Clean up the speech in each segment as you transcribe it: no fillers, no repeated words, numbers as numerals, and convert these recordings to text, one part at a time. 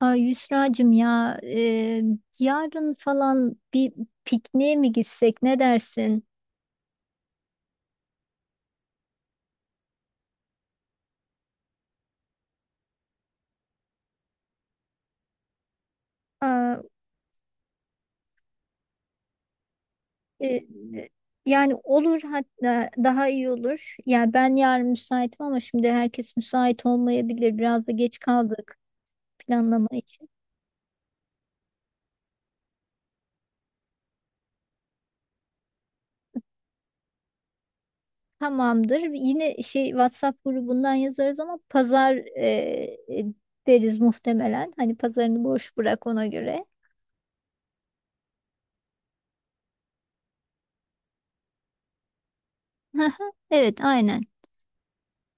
Ay Yusra'cığım ya yarın falan bir pikniğe mi gitsek ne dersin? Aa, e, yani olur, hatta daha iyi olur. Yani ben yarın müsaitim ama şimdi herkes müsait olmayabilir. Biraz da geç kaldık planlama için. Tamamdır. Yine şey WhatsApp grubundan yazarız ama pazar e, deriz muhtemelen. Hani pazarını boş bırak ona göre. Evet, aynen.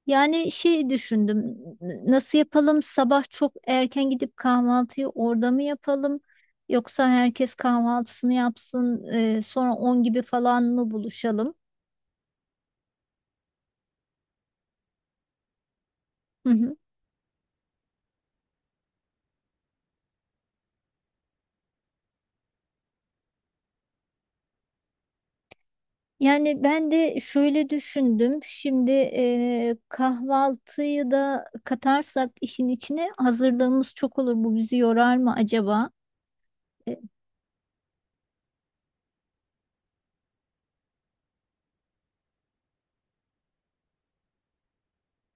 Yani şey düşündüm. Nasıl yapalım? Sabah çok erken gidip kahvaltıyı orada mı yapalım? Yoksa herkes kahvaltısını yapsın, sonra 10 gibi falan mı buluşalım? Hı hı. Yani ben de şöyle düşündüm. Şimdi kahvaltıyı da katarsak işin içine hazırlığımız çok olur. Bu bizi yorar mı acaba? E,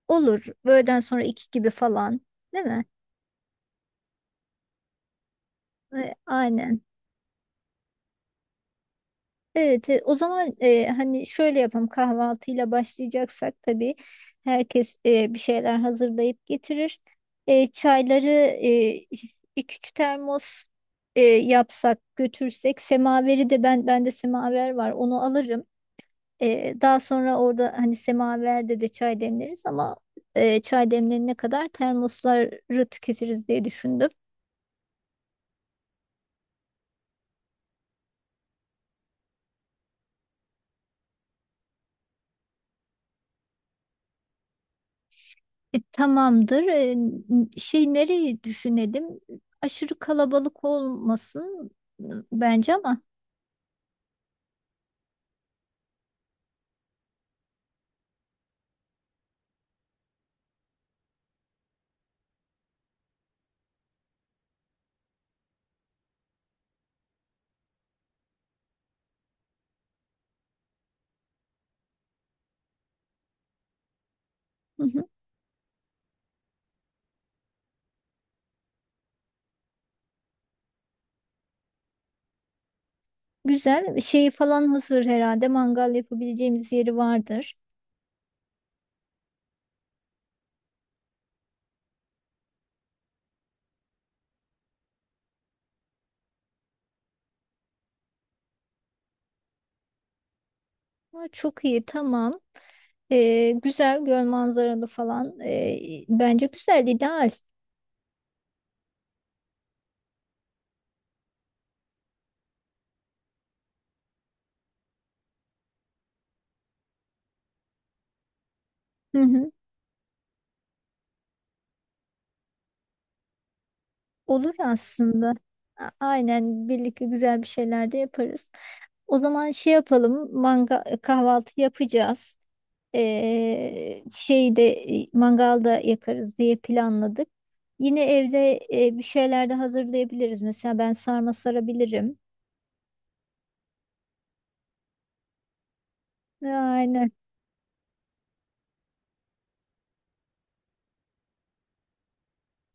olur. Öğleden sonra 2 gibi falan, değil mi? Aynen. Evet, o zaman hani şöyle yapalım, kahvaltıyla başlayacaksak tabii herkes bir şeyler hazırlayıp getirir. Çayları iki üç termos yapsak götürsek. Semaveri de bende semaver var, onu alırım. Daha sonra orada hani semaverde de çay demleriz ama çay demlerine kadar termosları tüketiriz diye düşündüm. Tamamdır. Şey, nereyi düşünelim? Aşırı kalabalık olmasın e, bence ama. Hı hı. Güzel. Şeyi falan hazır herhalde. Mangal yapabileceğimiz yeri vardır. Ha, çok iyi, tamam. Güzel göl manzaralı falan. Bence güzel, ideal. Hı hı. Olur aslında. Aynen, birlikte güzel bir şeyler de yaparız. O zaman şey yapalım, kahvaltı yapacağız. Şeyi de mangalda yakarız diye planladık. Yine evde bir şeyler de hazırlayabiliriz. Mesela ben sarma sarabilirim. Aynen.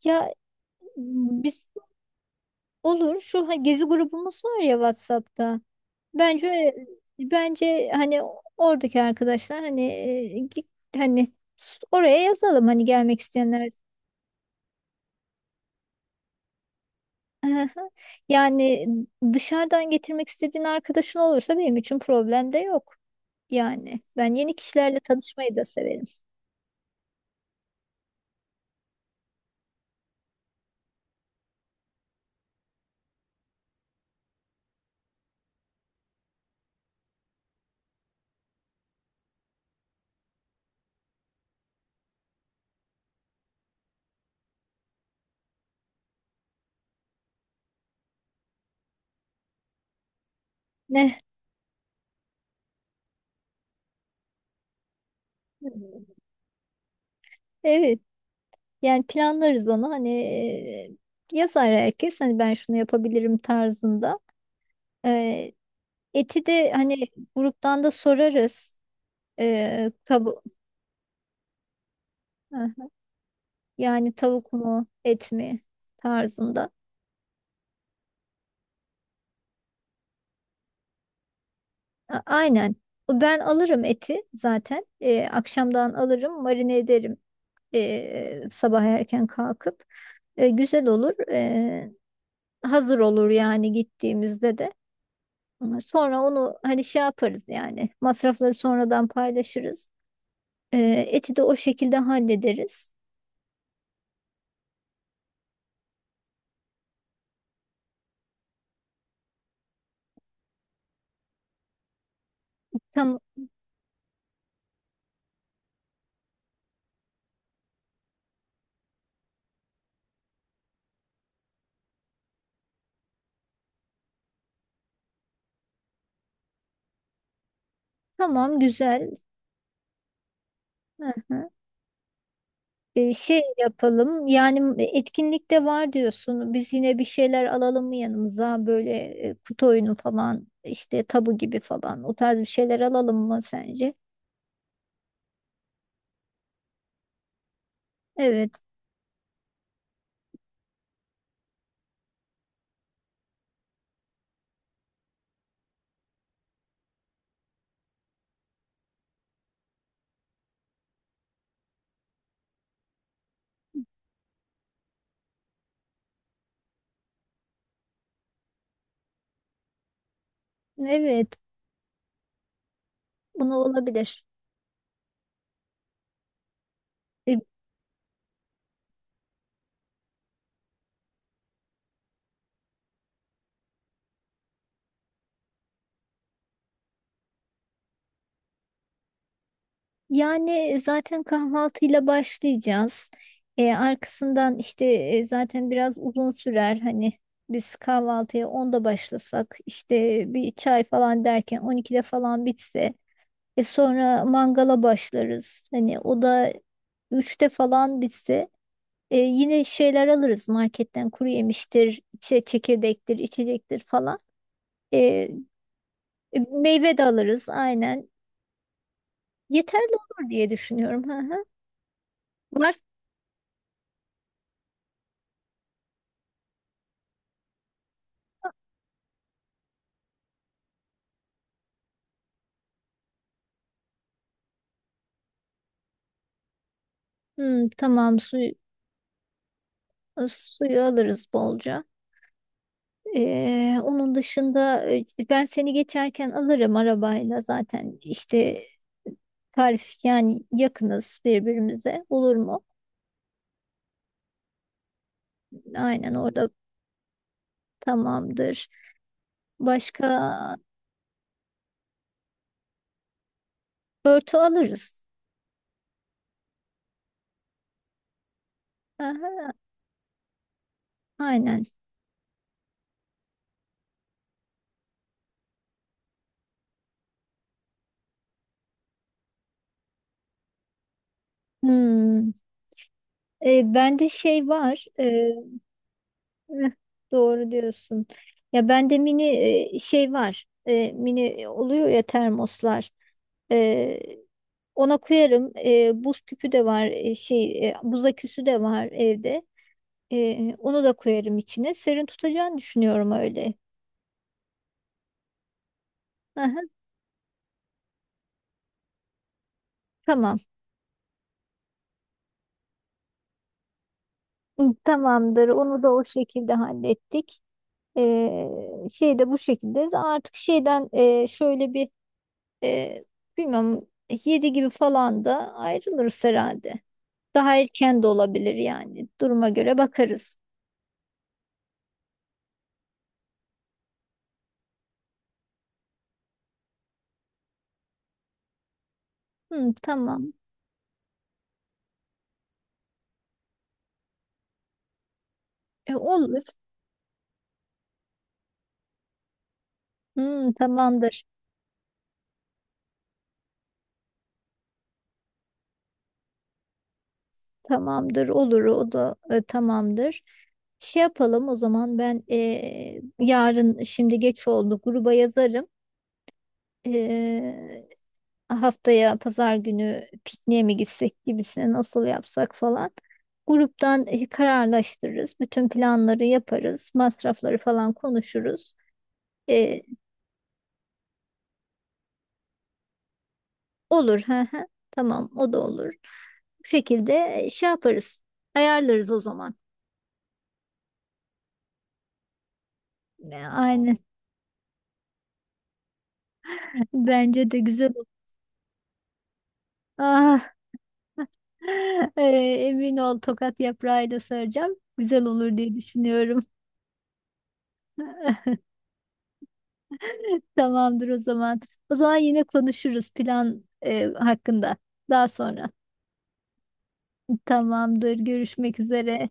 Ya biz olur, şu gezi grubumuz var ya, WhatsApp'ta. Bence bence hani oradaki arkadaşlar, hani hani oraya yazalım, hani gelmek isteyenler. Aha. Yani dışarıdan getirmek istediğin arkadaşın olursa benim için problem de yok. Yani ben yeni kişilerle tanışmayı da severim. Ne? Evet. Yani planlarız onu, hani yazar herkes, hani ben şunu yapabilirim tarzında. E, Eti de hani gruptan da sorarız. E, tabu Heh, Yani tavuk mu et mi tarzında. Aynen. Ben alırım eti zaten. Akşamdan alırım, marine ederim sabah erken kalkıp. Güzel olur. Hazır olur yani, gittiğimizde de. Ama sonra onu hani şey yaparız, yani masrafları sonradan paylaşırız. Eti de o şekilde hallederiz. Tam, tamam, güzel. Hı hı. Şey yapalım, yani etkinlikte var diyorsun. Biz yine bir şeyler alalım mı yanımıza, böyle kutu oyunu falan, işte tabu gibi falan, o tarz bir şeyler alalım mı sence? Evet, evet, bunu olabilir. E, Yani zaten kahvaltıyla başlayacağız. Arkasından işte zaten biraz uzun sürer. Hani biz kahvaltıya 10'da başlasak, işte bir çay falan derken 12'de falan bitse. Sonra mangala başlarız. Hani o da 3'te falan bitse, yine şeyler alırız marketten, kuru yemiştir, çekirdektir, içecektir falan. E, Meyve de alırız, aynen. Yeterli olur diye düşünüyorum. Hı hı. Var. Hmm, tamam, suyu alırız bolca. Onun dışında ben seni geçerken alırım arabayla, zaten işte tarif, yani yakınız birbirimize, olur mu? Aynen, orada tamamdır. Başka örtü alırız. Hı hı, aynen. Hmm. Bende şey var. Eh, doğru diyorsun. Ya bende mini şey var. Mini oluyor ya termoslar. E, Ona koyarım. Buz küpü de var. Buz aküsü de var evde. Onu da koyarım içine. Serin tutacağını düşünüyorum öyle. Aha, tamam. Hı, tamamdır. Onu da o şekilde hallettik. E, Şey de bu şekilde. Artık şeyden E, bilmiyorum, 7 gibi falan da ayrılırız herhalde. Daha erken de olabilir yani. Duruma göre bakarız. Hı, tamam. Olur. Hı, tamamdır. Tamamdır. Olur. O da tamamdır. Şey yapalım o zaman, ben yarın, şimdi geç oldu, gruba yazarım. E, Haftaya pazar günü pikniğe mi gitsek gibisine, nasıl yapsak falan. Gruptan kararlaştırırız. Bütün planları yaparız. Masrafları falan konuşuruz. E, olur. Hı hı. Tamam, o da olur. Bu şekilde şey yaparız. Ayarlarız o zaman. Aynen. Bence de güzel olur. Ah, e, emin ol, tokat yaprağıyla saracağım. Güzel olur diye düşünüyorum. Tamamdır o zaman. O zaman yine konuşuruz plan hakkında daha sonra. Tamamdır. Görüşmek üzere.